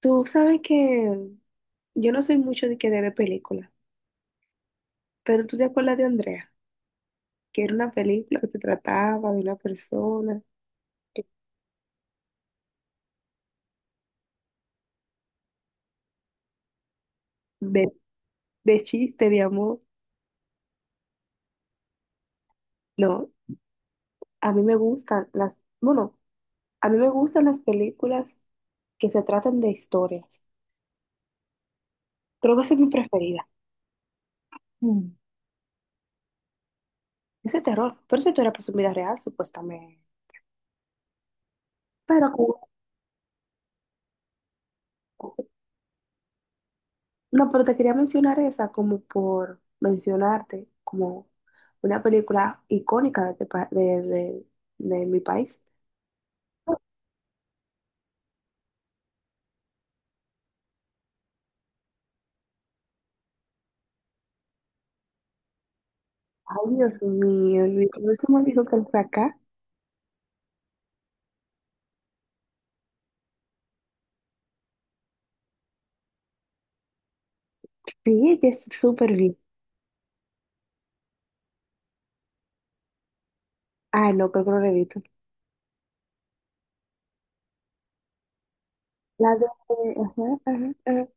Tú sabes que yo no soy mucho de ver películas, pero tú te acuerdas de Andrea, que era una película que se trataba de una persona, de, de chiste, de amor. No, a mí me gustan las, bueno, a mí me gustan las películas que se tratan de historias. Creo que esa es mi preferida. Mm. Ese terror, pero esa historia pues en vida real, supuestamente. Pero con, no, pero te quería mencionar esa como por mencionarte como una película icónica de, este de mi país. Ay, Dios mío, Luis, ¿cómo se me dijo que él fue acá? Sí, que es súper bien. Ah, no, creo que no la he visto. La de... Ajá, ajá, ajá.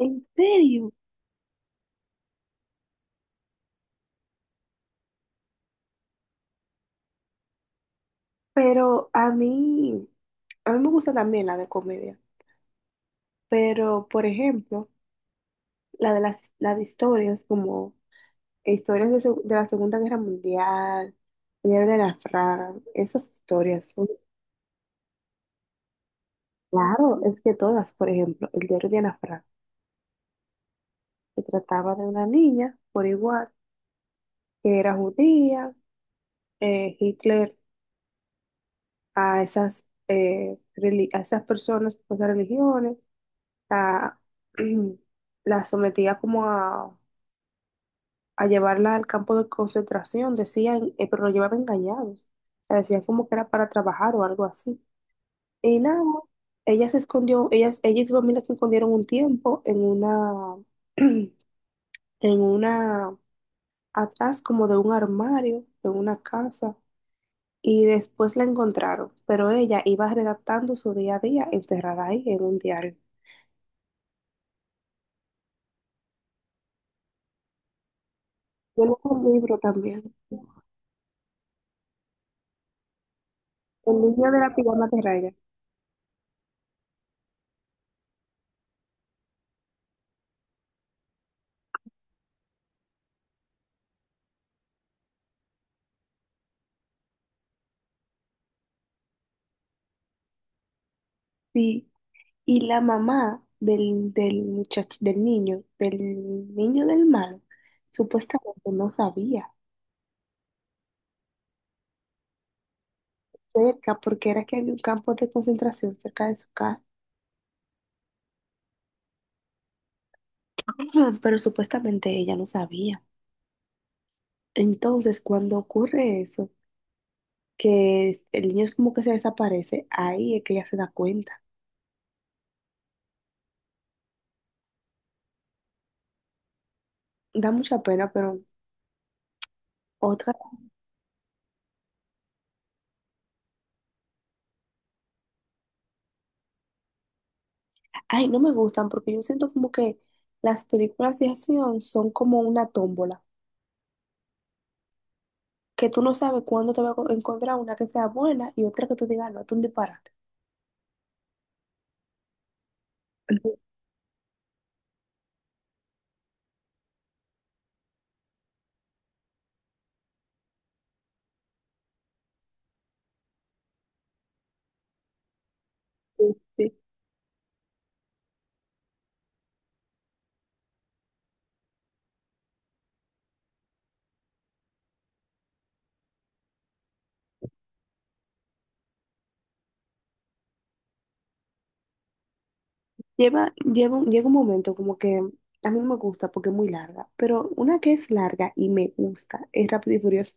¿En serio? Pero a mí me gusta también la de comedia. Pero, por ejemplo, la de las, la de historias como... Historias de, de la Segunda Guerra Mundial, el diario de Ana Frank, esas historias son, claro, es que todas, por ejemplo, el diario de Ana Frank, se trataba de una niña, por igual, que era judía, Hitler a esas, a esas personas, pues, de religiones, la, la sometía como a llevarla al campo de concentración, decían, pero lo llevaban engañados, o sea, decían como que era para trabajar o algo así. Y nada, ella se escondió, ella y su familia se escondieron un tiempo en una, en una, atrás como de un armario, en una casa, y después la encontraron, pero ella iba redactando su día a día encerrada ahí en un diario. Yo leí un libro también, el niño de la pijama de raya. Sí, y la mamá del, del muchacho, del niño, del niño del malo, supuestamente no sabía. Cerca porque era que había un campo de concentración cerca de su casa, pero supuestamente ella no sabía. Entonces, cuando ocurre eso, que el niño es como que se desaparece, ahí es que ella se da cuenta. Da mucha pena, pero otra, ay, no me gustan porque yo siento como que las películas de acción son como una tómbola, que tú no sabes cuándo te va a encontrar una que sea buena y otra que tú digas, "Ah, no, es un disparate". Llega un momento como que a mí no me gusta porque es muy larga, pero una que es larga y me gusta es Rápido y Furioso.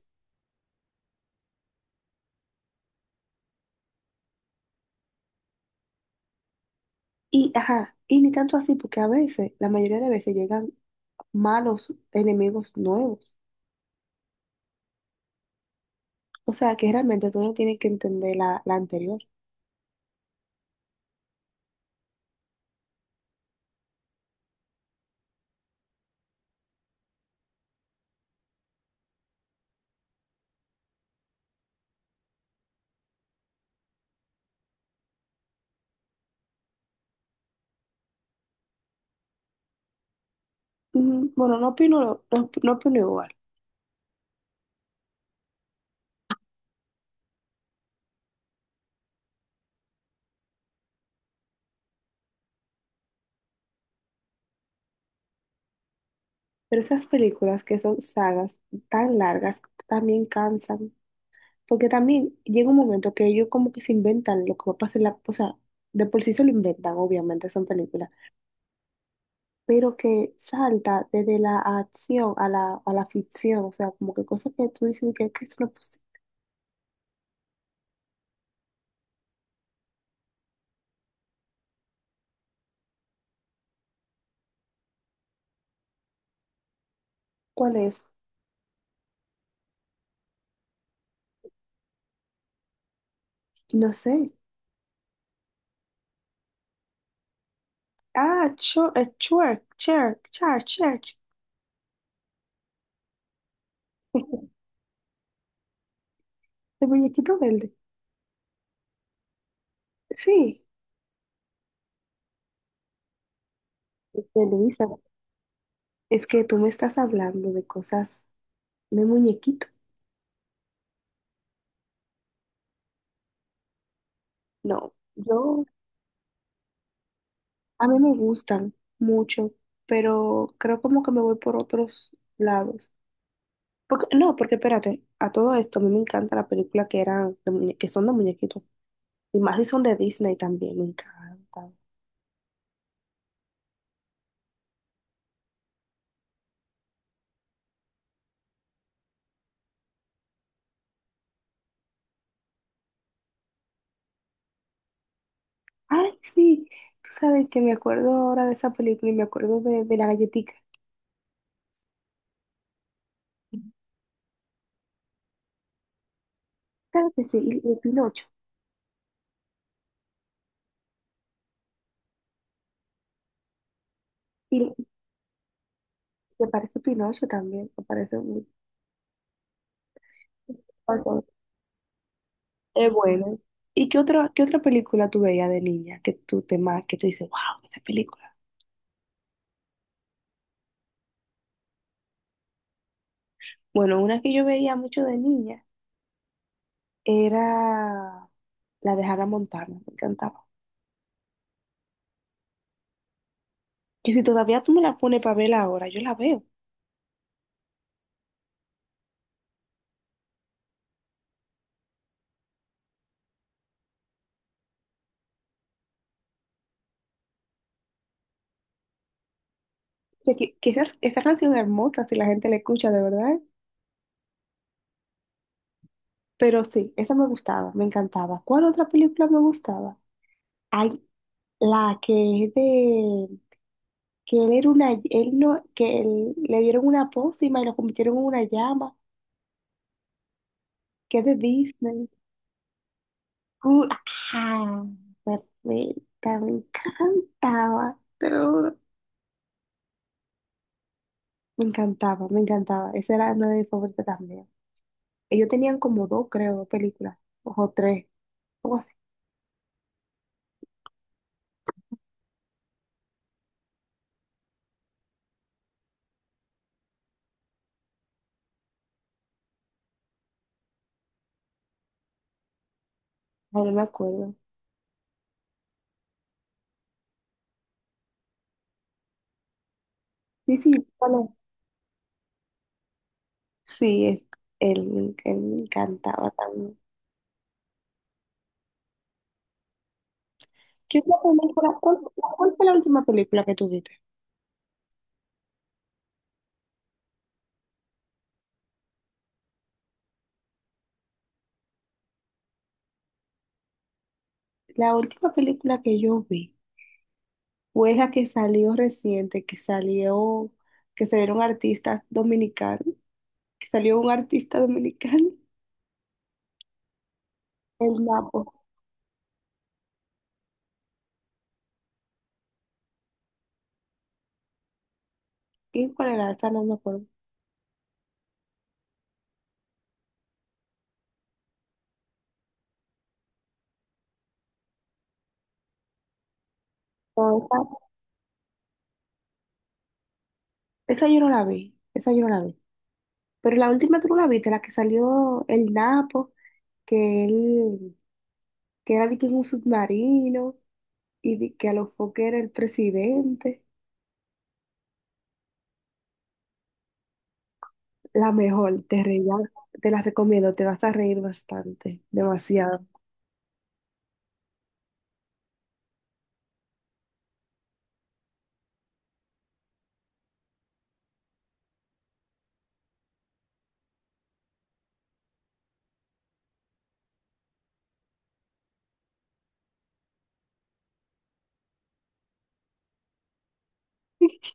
Y, ajá, y ni tanto así porque a veces, la mayoría de veces llegan malos enemigos nuevos. O sea que realmente tú no tienes que entender la, la anterior. Mm, bueno, no opino, lo- no, op- no opino igual, pero esas películas que son sagas tan largas también cansan. Porque también llega un momento que ellos como que se inventan lo que va a pasar en la, o sea, de por sí se lo inventan, obviamente, son películas, pero que salta desde la acción a la ficción, o sea, como que cosas que tú dices que es una posible. ¿Cuál es? No sé. Ah, Chur, Chur, Chur, Chur, Church. El muñequito verde. Sí. Este, Luisa, es que tú me estás hablando de cosas de muñequito. No, yo a mí me gustan mucho, pero creo como que me voy por otros lados. Porque, no, porque espérate, a todo esto a mí me encanta la película que que son de muñequitos. Y más si son de Disney también, me encanta. Ay, sí, tú sabes que me acuerdo ahora de esa película y me acuerdo de la galletica. Claro que sí, y Pinocho. Y me parece Pinocho también, me parece muy... es bueno. ¿Y qué otra película tú veías de niña que que tú dices, wow, esa película? Bueno, una que yo veía mucho de niña era la de Hannah Montana, me encantaba. Que si todavía tú me la pones para verla ahora, yo la veo. O sea, que, esa canción es hermosa si la gente la escucha de verdad. Pero sí, esa me gustaba, me encantaba. ¿Cuál otra película me gustaba? Hay la que es de que él era una, él no, que le dieron una pócima y lo convirtieron en una llama, que es de Disney. Uh, ah, Perfecta, me encantaba. Me encantaba, me encantaba. Esa era una de mis favoritas también. Ellos tenían como dos, creo, dos películas, o tres, algo así. Ay, no me acuerdo. Sí, sí, ¿cuál es? Sí, él, él me encantaba también. ¿Qué otra película? ¿Cuál, cuál fue la última película que tuviste? La última película que yo vi fue la que salió reciente, que salió, que salieron artistas dominicanos, que salió un artista dominicano, el Napo. ¿Y cuál era? Esa no me acuerdo. Esa yo no la vi, esa yo no la vi. Pero la última tú no la viste, la que salió el Napo, que él, que era de que en un submarino y de que a los foques era el presidente. La mejor, te reía, te la recomiendo, te vas a reír bastante, demasiado.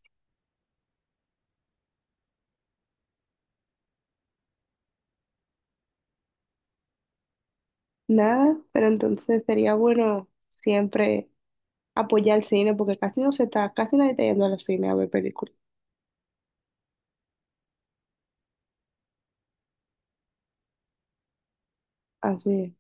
Nada, pero entonces sería bueno siempre apoyar el cine, porque casi no se está, casi nadie está yendo al cine a ver películas. Así es.